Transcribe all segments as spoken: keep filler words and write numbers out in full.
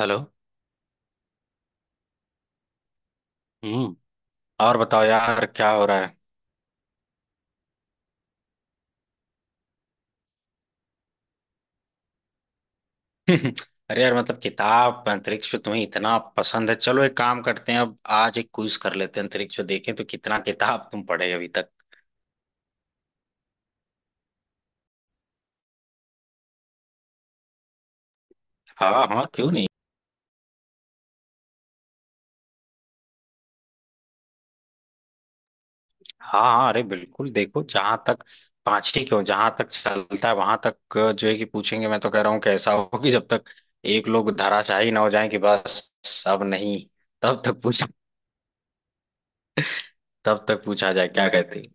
Hello. हम्म। और बताओ यार, क्या हो रहा है? अरे यार, मतलब किताब अंतरिक्ष पे तुम्हें इतना पसंद है। चलो एक काम करते हैं, अब आज एक क्विज कर लेते हैं अंतरिक्ष पे, देखें तो कितना किताब तुम पढ़े अभी तक। हाँ, हाँ, क्यों नहीं। हाँ, हाँ, अरे बिल्कुल। देखो, जहां तक पांच ही क्यों, जहां तक चलता है वहां तक जो है कि पूछेंगे। मैं तो कह रहा हूँ कि ऐसा हो कि जब तक एक लोग धराशायी ना हो जाए कि बस अब नहीं, तब तक पूछा, तब तक पूछा जाए, क्या कहते हैं।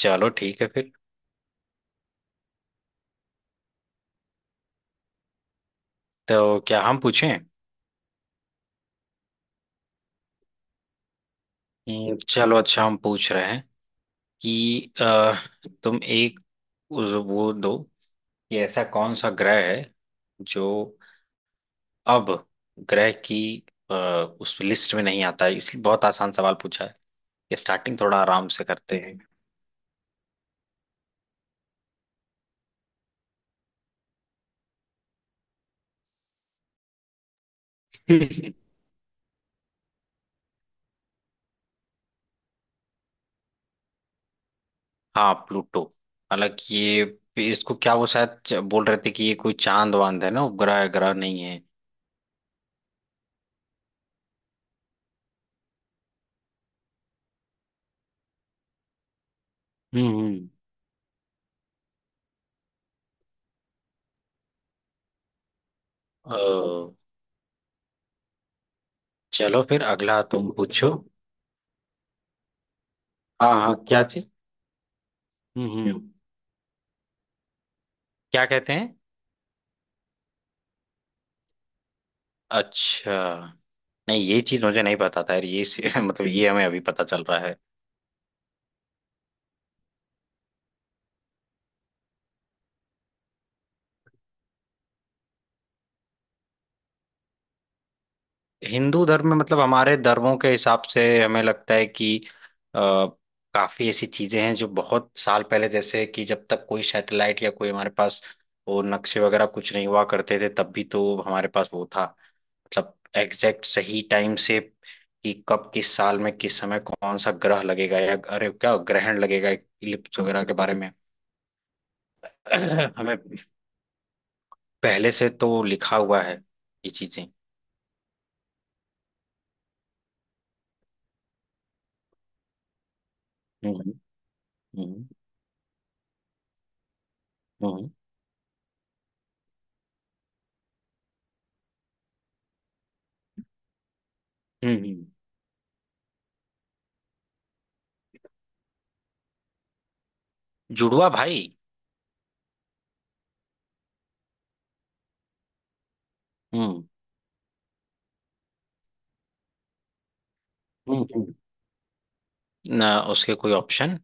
चलो ठीक है फिर। तो क्या हम पूछें? हम्म, चलो, अच्छा हम पूछ रहे हैं कि अ, तुम एक उस- वो दो कि ऐसा कौन सा ग्रह है जो अब ग्रह की अ, उस लिस्ट में नहीं आता है, इसलिए बहुत आसान सवाल पूछा है। ये स्टार्टिंग थोड़ा आराम से करते हैं। हाँ, प्लूटो। हालांकि ये, इसको क्या, वो शायद च- बोल रहे थे कि ये कोई चांद वांद है ना, उपग्रह है, ग्रह नहीं है। हम्म, हम्म। अ, चलो फिर अगला तुम पूछो। हाँ, हाँ, क्या चीज? हम्म, हम्म। क्या कहते हैं? अच्छा। नहीं, ये चीज मुझे नहीं पता था यार, ये से- मतलब ये हमें अभी पता चल रहा है। हिंदू धर्म में, मतलब हमारे धर्मों के हिसाब से हमें लगता है कि अ, काफी ऐसी चीजें हैं जो बहुत साल पहले, जैसे कि जब तक कोई सैटेलाइट या कोई हमारे पास वो नक्शे वगैरह कुछ नहीं हुआ करते थे, तब भी तो हमारे पास वो था। मतलब एग्जैक्ट सही टाइम से कि कब, किस साल में, किस समय कौन सा ग्रह लगेगा या अरे, क्या ग्रहण लगेगा, इलिप्स वगैरह के बारे में। हमें पहले से तो लिखा हुआ है ये चीजें। हम्म, हम्म, हम्म, हम्म, हम्म। जुड़वा भाई। हम्म, हम्म, हम्म, ना उसके कोई ऑप्शन?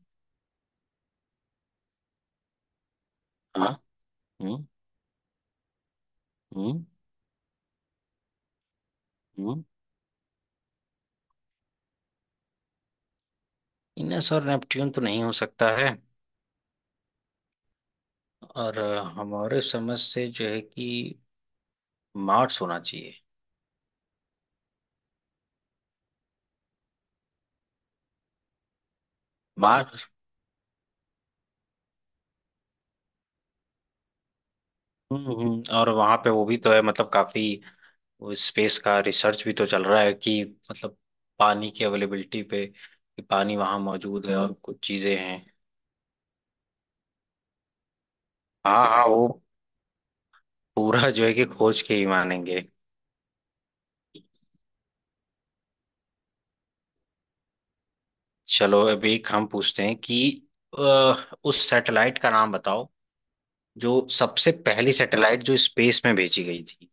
हाँ। हम्म, हम्म, हम्म। इनस और नेपट्यून तो नहीं हो सकता है। और अ, हमारे समझ से जो है कि मार्स होना चाहिए। मार्स। हम्म, हम्म, और वहां पे वो भी तो है, मतलब काफी स्पेस का रिसर्च भी तो चल रहा है कि, मतलब, पानी की अवेलेबिलिटी पे कि पानी वहां मौजूद है और कुछ चीजें हैं। हाँ, हाँ, वो पूरा जो है कि खोज के ही मानेंगे। चलो अभी एक हम पूछते हैं कि अ, उस सैटेलाइट का नाम बताओ जो सबसे पहली सैटेलाइट जो स्पेस में भेजी गई थी।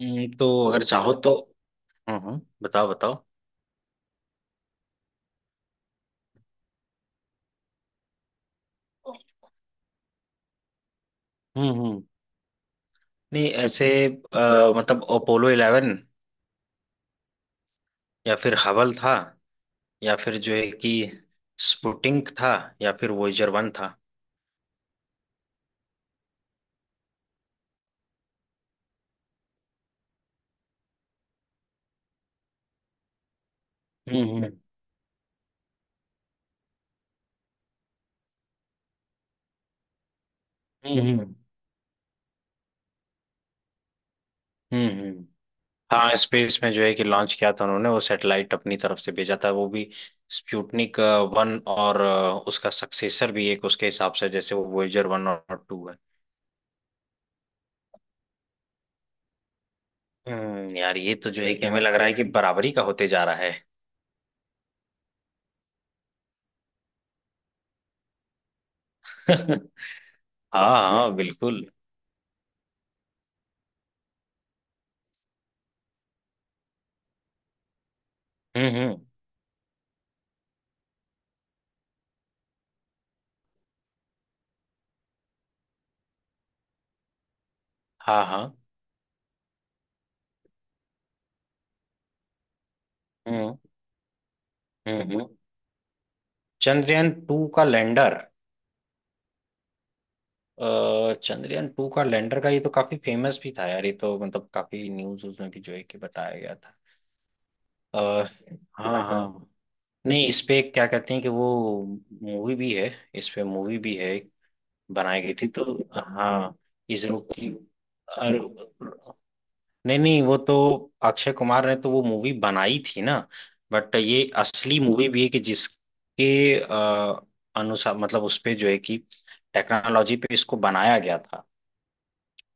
हम्म, तो अगर चाहो तो। हम्म, हम्म, बताओ, बताओ। हम्म, हम्म, नहीं ऐसे, अ, मतलब अपोलो इलेवन या फिर हबल था या फिर जो है कि स्पुटिंग था या फिर वोयेजर वन था। हम्म, हम्म, हम्म, हम्म, हम्म, हम्म। हाँ, स्पेस में जो है कि लॉन्च किया था उन्होंने वो सैटेलाइट अपनी तरफ से भेजा था, वो भी स्पुतनिक वन और अ, उसका सक्सेसर भी एक उसके हिसाब से जैसे वो वोयेजर वन और टू है। हम्म, यार ये तो जो है कि हमें लग रहा है कि बराबरी का होते जा रहा है। हाँ, हाँ, बिल्कुल। हम्म, हम्म। हाँ, हाँ। हम्म, हम्म, हम्म। चंद्रयान टू का लैंडर? अ, चंद्रयान टू का लैंडर का ये तो काफी फेमस भी था यार, ये तो मतलब काफी न्यूज उसमें भी जो है कि बताया गया था। अ, हाँ, हाँ। नहीं, इस पे क्या कहते हैं कि वो मूवी भी है। इस पे मूवी भी है, बनाई गई थी तो। हाँ, इसरो की। और नहीं, नहीं, वो तो अक्षय कुमार ने तो वो मूवी बनाई थी ना, बट ये असली मूवी भी है कि जिसके अ, अनुसार मतलब उस पे जो है कि टेक्नोलॉजी पे इसको बनाया गया था।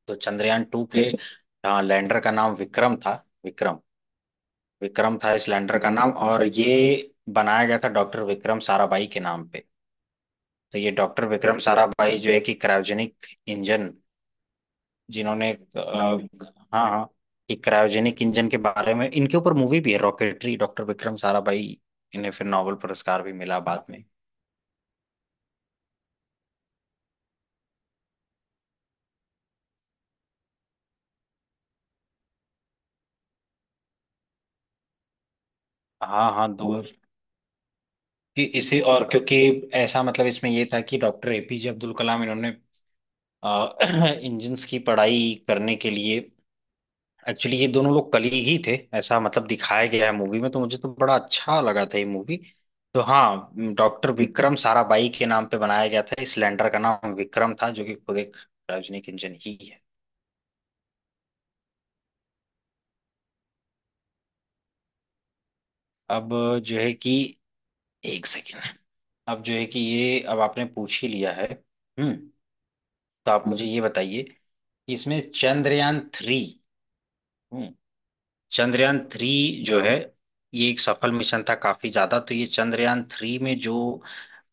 तो चंद्रयान टू के लैंडर का नाम विक्रम था। विक्रम। विक्रम था इस लैंडर का नाम, और ये बनाया गया था डॉक्टर विक्रम साराभाई के नाम पे। तो ये डॉक्टर विक्रम साराभाई जो है कि क्रायोजेनिक इंजन, जिन्होंने अ, हाँ, हाँ, कि क्रायोजेनिक इंजन के बारे में इनके ऊपर मूवी भी है, रॉकेटरी, डॉक्टर विक्रम साराभाई। इन्हें फिर नोबेल पुरस्कार भी मिला बाद में। हाँ, हाँ, दो कि इसी और क्योंकि ऐसा मतलब इसमें ये था कि डॉक्टर एपीजे अब्दुल कलाम इन्होंने इंजन्स की पढ़ाई करने के लिए, एक्चुअली ये दोनों लोग कली ही थे, ऐसा मतलब दिखाया गया है मूवी में, तो मुझे तो बड़ा अच्छा लगा था ये मूवी। तो हाँ, डॉक्टर विक्रम साराभाई के नाम पे बनाया गया था, इस लैंडर का नाम विक्रम था जो कि खुद एक सार्वजनिक इंजन ही है। अब जो है कि एक सेकेंड। अब जो है कि ये, अब आपने पूछ ही लिया है, हम्म, तो आप मुझे ये बताइए कि इसमें चंद्रयान थ्री। चंद्रयान थ्री जो है ये एक सफल मिशन था काफी ज्यादा। तो ये चंद्रयान थ्री में जो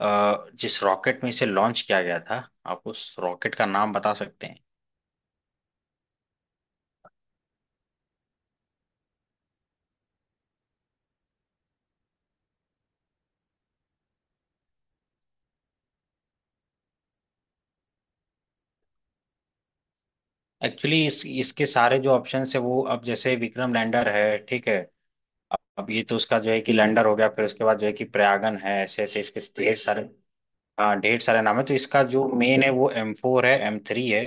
अ, जिस रॉकेट में इसे लॉन्च किया गया था, आप उस रॉकेट का नाम बता सकते हैं? एक्चुअली इस इसके सारे जो ऑप्शन है वो, अब जैसे विक्रम लैंडर है, ठीक है। अब ये तो उसका जो है कि लैंडर हो गया, फिर उसके बाद जो है कि प्रयागन है, ऐसे ऐसे इसके ढेर सारे। हाँ, ढेर सारे नाम है। तो इसका जो मेन है वो एम फोर है, एम थ्री है।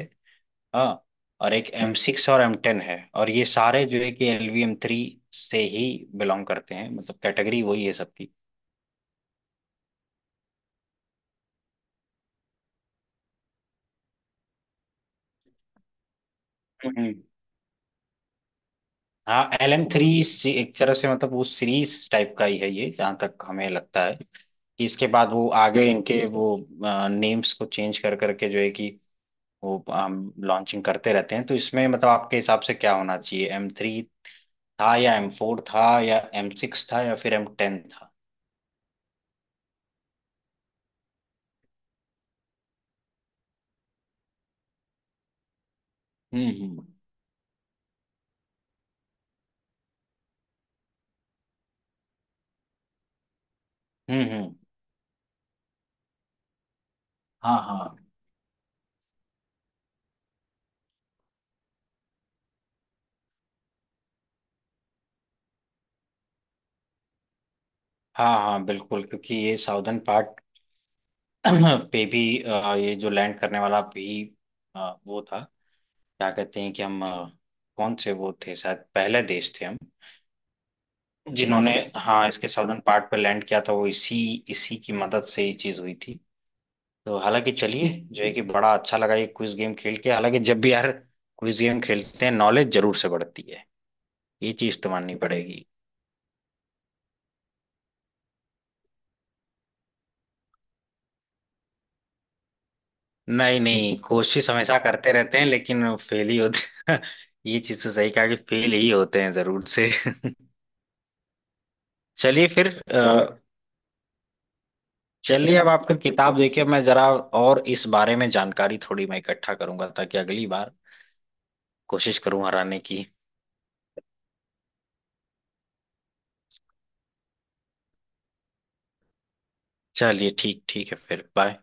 हाँ, और एक एम सिक्स और एम टेन है, और ये सारे जो है कि एल वी एम थ्री से ही बिलोंग करते हैं, मतलब कैटेगरी वही है सबकी। हम्म। हाँ, एल एम थ्री एक तरह से मतलब वो सीरीज टाइप का ही है ये, जहाँ तक हमें लगता है कि इसके बाद वो आगे इनके वो नेम्स को चेंज कर करके जो है कि वो हम लॉन्चिंग करते रहते हैं। तो इसमें मतलब आपके हिसाब से क्या होना चाहिए, एम थ्री था या एम फोर था या एम सिक्स था या फिर एम टेन था? हम्म, हम्म, हम्म, हम्म, हाँ, हाँ, हाँ, हाँ, बिल्कुल, क्योंकि ये साउदर्न पार्ट पे भी अ, ये जो लैंड करने वाला भी अ, वो था, क्या कहते हैं कि हम अ, कौन से वो थे, शायद पहले देश थे हम जिन्होंने, हाँ, इसके साउदर्न पार्ट पे लैंड किया था, वो इसी इसी की मदद से ये चीज हुई थी। तो हालांकि चलिए, जो है कि बड़ा अच्छा लगा ये क्विज गेम खेल के। हालांकि जब भी यार क्विज गेम खेलते हैं, नॉलेज जरूर से बढ़ती है। ये चीज तो माननी पड़ेगी। नहीं, नहीं, कोशिश हमेशा करते रहते हैं लेकिन फेल ही होते। ये चीज तो सही कहा कि फेल ही होते हैं जरूर से। चलिए फिर अ, चलिए अब आप फिर किताब देखिए, मैं जरा और इस बारे में जानकारी थोड़ी मैं इकट्ठा करूंगा ताकि अगली बार कोशिश करूं हराने की। चलिए, ठीक ठीक है फिर। बाय।